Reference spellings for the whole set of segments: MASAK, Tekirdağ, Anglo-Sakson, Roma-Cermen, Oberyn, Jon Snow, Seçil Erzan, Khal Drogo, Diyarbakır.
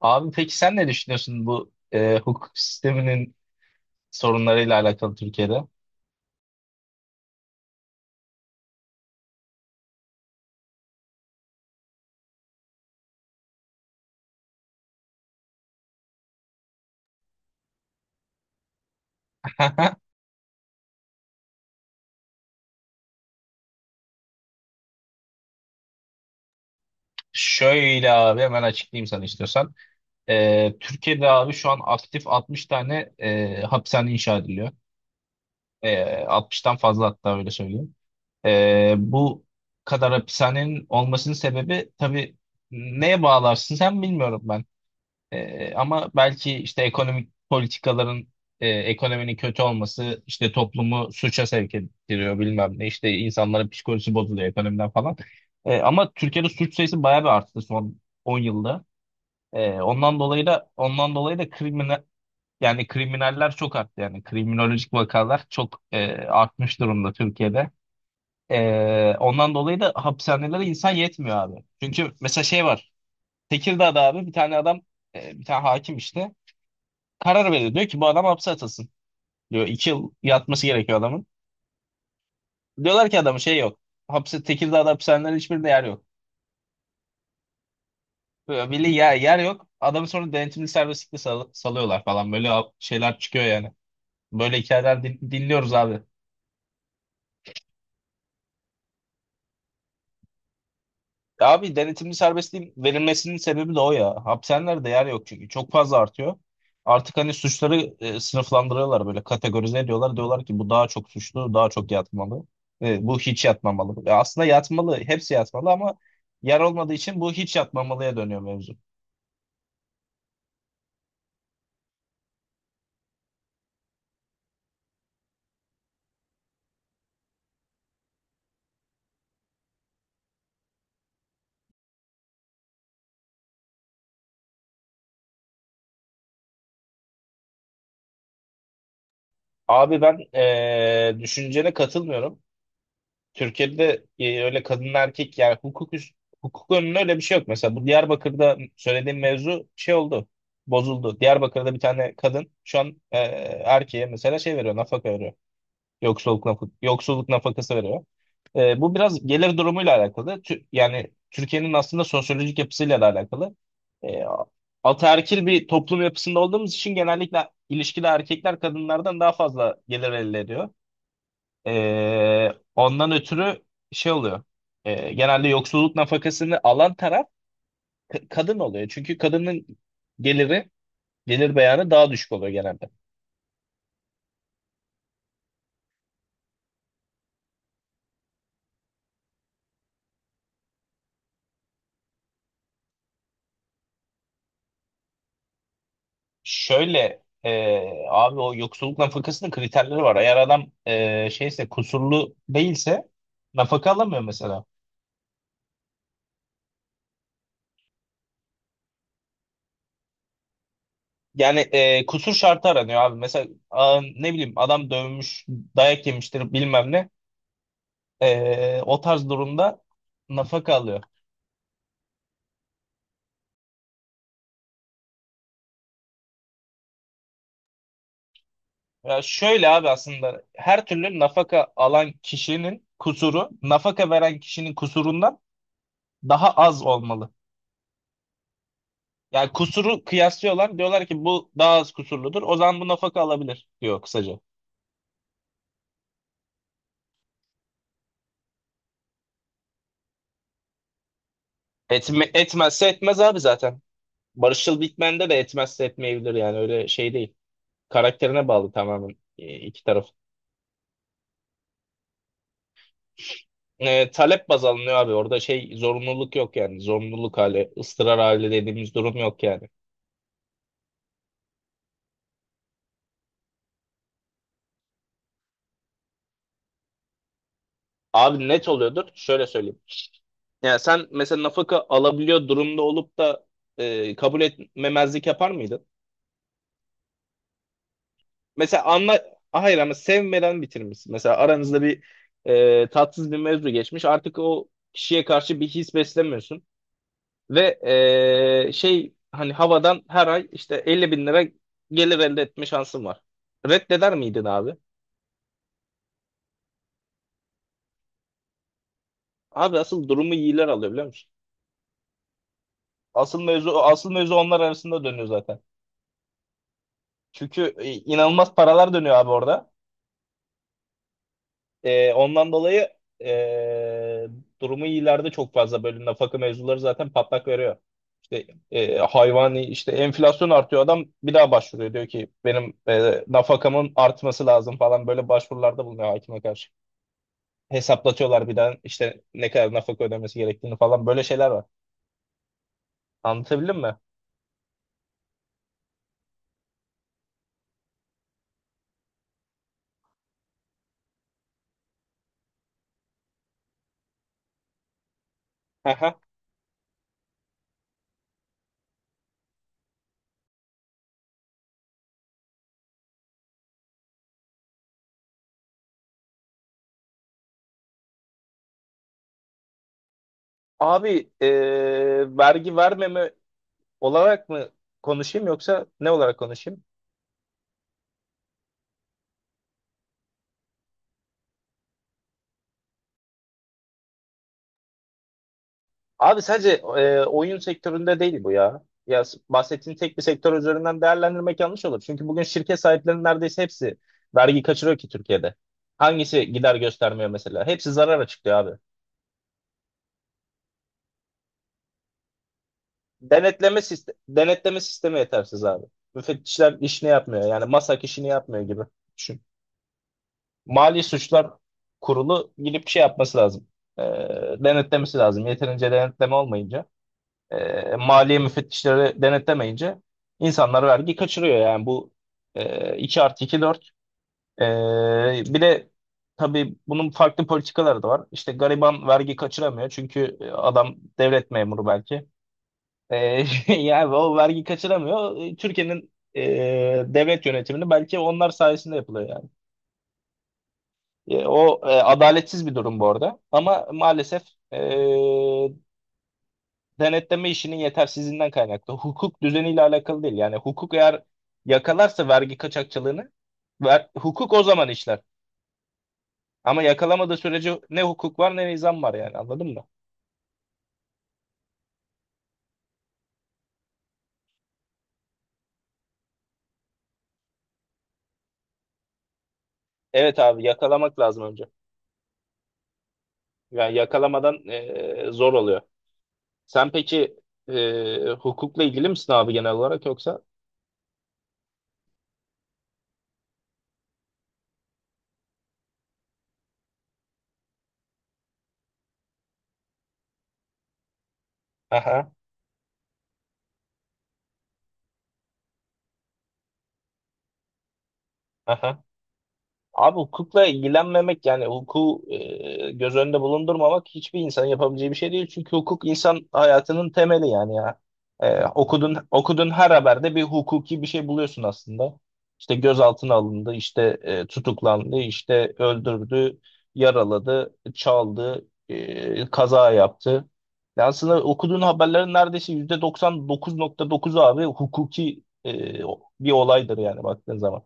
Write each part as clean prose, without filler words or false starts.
Abi peki sen ne düşünüyorsun bu hukuk sisteminin sorunlarıyla alakalı Türkiye'de? Şöyle abi, hemen açıklayayım sana istiyorsan. Türkiye'de abi şu an aktif 60 tane hapishane inşa ediliyor. 60'tan fazla hatta, öyle söyleyeyim. Bu kadar hapishanenin olmasının sebebi, tabii neye bağlarsın sen bilmiyorum. Ama belki işte ekonomik politikaların, ekonominin kötü olması işte toplumu suça sevk ettiriyor, bilmem ne, işte insanların psikolojisi bozuluyor ekonomiden falan. Ama Türkiye'de suç sayısı bayağı bir arttı son 10 yılda. Ondan dolayı da kriminal, yani kriminaller çok arttı, yani kriminolojik vakalar çok artmış durumda Türkiye'de. Ondan dolayı da hapishanelere insan yetmiyor abi. Çünkü mesela şey var. Tekirdağ'da abi, bir tane adam bir tane hakim işte karar veriyor. Diyor ki bu adam hapse atılsın. Diyor 2 yıl yatması gerekiyor adamın. Diyorlar ki adamın şey yok. Hapse Tekirdağ'da hapishanelerin hiçbirinde yer yok. Böyle belli yer yok. Adamı sonra denetimli serbestlikle salıyorlar falan. Böyle şeyler çıkıyor yani. Böyle hikayeler dinliyoruz abi. Ya abi, denetimli serbestliğin verilmesinin sebebi de o ya. Hapishanelerde yer yok çünkü. Çok fazla artıyor. Artık hani suçları sınıflandırıyorlar, böyle kategorize ediyorlar. Diyorlar ki bu daha çok suçlu, daha çok yatmalı. Bu hiç yatmamalı. Aslında yatmalı, hepsi yatmalı, ama yer olmadığı için bu hiç yatmamalıya dönüyor mevzu. Abi ben düşüncene katılmıyorum. Türkiye'de öyle kadın erkek, yani hukuk önünde öyle bir şey yok. Mesela bu Diyarbakır'da söylediğim mevzu şey oldu. Bozuldu. Diyarbakır'da bir tane kadın şu an erkeğe mesela şey veriyor, nafaka veriyor. Yoksulluk nafakası veriyor. Bu biraz gelir durumuyla alakalı. Yani Türkiye'nin aslında sosyolojik yapısıyla da alakalı. E, Ataerkil bir toplum yapısında olduğumuz için genellikle ilişkide erkekler kadınlardan daha fazla gelir elde ediyor. Ee, ondan ötürü şey oluyor. Genelde yoksulluk nafakasını alan taraf kadın oluyor. Çünkü kadının geliri, gelir beyanı daha düşük oluyor genelde. Şöyle abi, o yoksulluk nafakasının kriterleri var. Eğer adam şeyse, kusurlu değilse nafaka alamıyor mesela. Yani kusur şartı aranıyor abi. Mesela ne bileyim, adam dövmüş, dayak yemiştir, bilmem ne. O tarz durumda nafaka alıyor. Ya şöyle abi, aslında her türlü nafaka alan kişinin kusuru, nafaka veren kişinin kusurundan daha az olmalı. Yani kusuru kıyaslıyorlar, diyorlar ki bu daha az kusurludur, o zaman bu nafaka alabilir diyor kısaca. Etmezse etmez abi zaten. Barışçıl Bitmen'de de etmezse etmeyebilir, yani öyle şey değil. Karakterine bağlı tamamen iki taraf. Talep baz alınıyor abi, orada şey zorunluluk yok, yani zorunluluk hali, ıstırar hali dediğimiz durum yok yani. Abi net oluyordur, şöyle söyleyeyim. Yani sen mesela nafaka alabiliyor durumda olup da kabul etmemezlik yapar mıydın? Mesela anla, ah, hayır, ama sevmeden bitirmişsin. Mesela aranızda bir tatsız bir mevzu geçmiş. Artık o kişiye karşı bir his beslemiyorsun. Ve şey, hani havadan her ay işte 50 bin lira gelir elde etme şansın var. Reddeder miydin abi? Abi, asıl durumu iyiler alıyor biliyor musun? Asıl mevzu onlar arasında dönüyor zaten. Çünkü inanılmaz paralar dönüyor abi orada. Ondan dolayı ee, durumu iyilerde çok fazla bölüm nafaka mevzuları zaten patlak veriyor. İşte hayvani işte, enflasyon artıyor, adam bir daha başvuruyor, diyor ki benim nafakamın artması lazım falan, böyle başvurularda bulunuyor hakime karşı. Hesaplatıyorlar bir daha işte ne kadar nafaka ödemesi gerektiğini falan, böyle şeyler var. Anlatabildim mi? Aha. Abi vergi vermeme olarak mı konuşayım, yoksa ne olarak konuşayım? Abi sadece oyun sektöründe değil bu ya. Ya bahsettiğin tek bir sektör üzerinden değerlendirmek yanlış olur. Çünkü bugün şirket sahiplerinin neredeyse hepsi vergi kaçırıyor ki Türkiye'de. Hangisi gider göstermiyor mesela? Hepsi zarar açıklıyor abi. Denetleme sistemi yetersiz abi. Müfettişler işini yapmıyor. Yani MASAK işini yapmıyor gibi. Düşün. Mali Suçlar Kurulu gidip şey yapması lazım. E, Denetlemesi lazım. Yeterince denetleme olmayınca, maliye müfettişleri denetlemeyince insanlar vergi kaçırıyor, yani bu 2 artı 2 4. E, Bir de tabii bunun farklı politikaları da var, işte gariban vergi kaçıramıyor çünkü adam devlet memuru belki. E, Yani o vergi kaçıramıyor. Türkiye'nin devlet yönetimini belki onlar sayesinde yapılıyor yani. O adaletsiz bir durum bu arada, ama maalesef e, denetleme işinin yetersizliğinden kaynaklı. Hukuk düzeniyle alakalı değil. Yani hukuk eğer yakalarsa vergi kaçakçılığını, hukuk o zaman işler. Ama yakalamadığı sürece ne hukuk var, ne nizam var, yani anladın mı? Evet abi, yakalamak lazım önce. Yani yakalamadan zor oluyor. Sen peki hukukla ilgili misin abi, genel olarak yoksa? Aha, aha. Abi hukukla ilgilenmemek, yani hukuku göz önünde bulundurmamak hiçbir insanın yapabileceği bir şey değil. Çünkü hukuk insan hayatının temeli yani ya. Okudun okudun, her haberde bir hukuki bir şey buluyorsun aslında. İşte gözaltına alındı, işte tutuklandı, işte öldürdü, yaraladı, çaldı, kaza yaptı. Yani aslında okuduğun haberlerin neredeyse %99,9'u abi hukuki bir olaydır, yani baktığın zaman.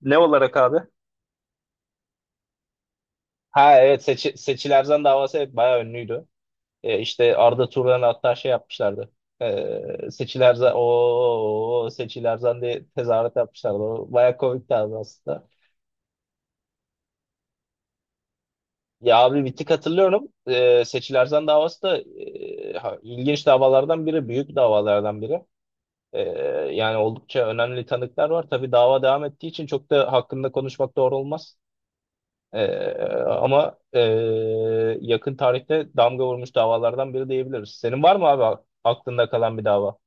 Ne olarak abi? Ha, evet. Seçil Erzan davası hep bayağı ünlüydü. İşte Arda Turan'ı hatta şey yapmışlardı. Seçil Erzan, o Seçil Erzan diye tezahürat yapmışlardı. O bayağı komikti abi aslında. Ya abi, bir tık hatırlıyorum. Seçil Erzan davası da ha, ilginç davalardan biri. Büyük davalardan biri. E, Yani oldukça önemli tanıklar var. Tabii dava devam ettiği için çok da hakkında konuşmak doğru olmaz. Ee, ama yakın tarihte damga vurmuş davalardan biri diyebiliriz. Senin var mı abi aklında kalan bir dava?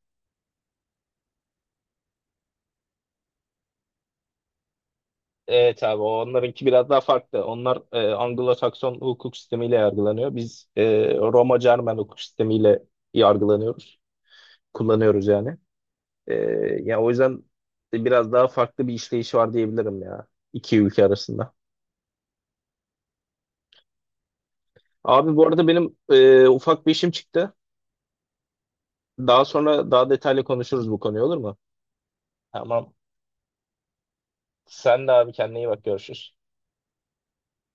Evet abi, onlarınki biraz daha farklı. Onlar Anglo-Sakson hukuk sistemiyle yargılanıyor. Biz Roma-Cermen hukuk sistemiyle yargılanıyoruz. Kullanıyoruz yani. E, Ya o yüzden biraz daha farklı bir işleyişi var diyebilirim ya, iki ülke arasında. Abi bu arada benim ufak bir işim çıktı. Daha sonra daha detaylı konuşuruz bu konuyu, olur mu? Tamam. Sen de abi, kendine iyi bak, görüşürüz.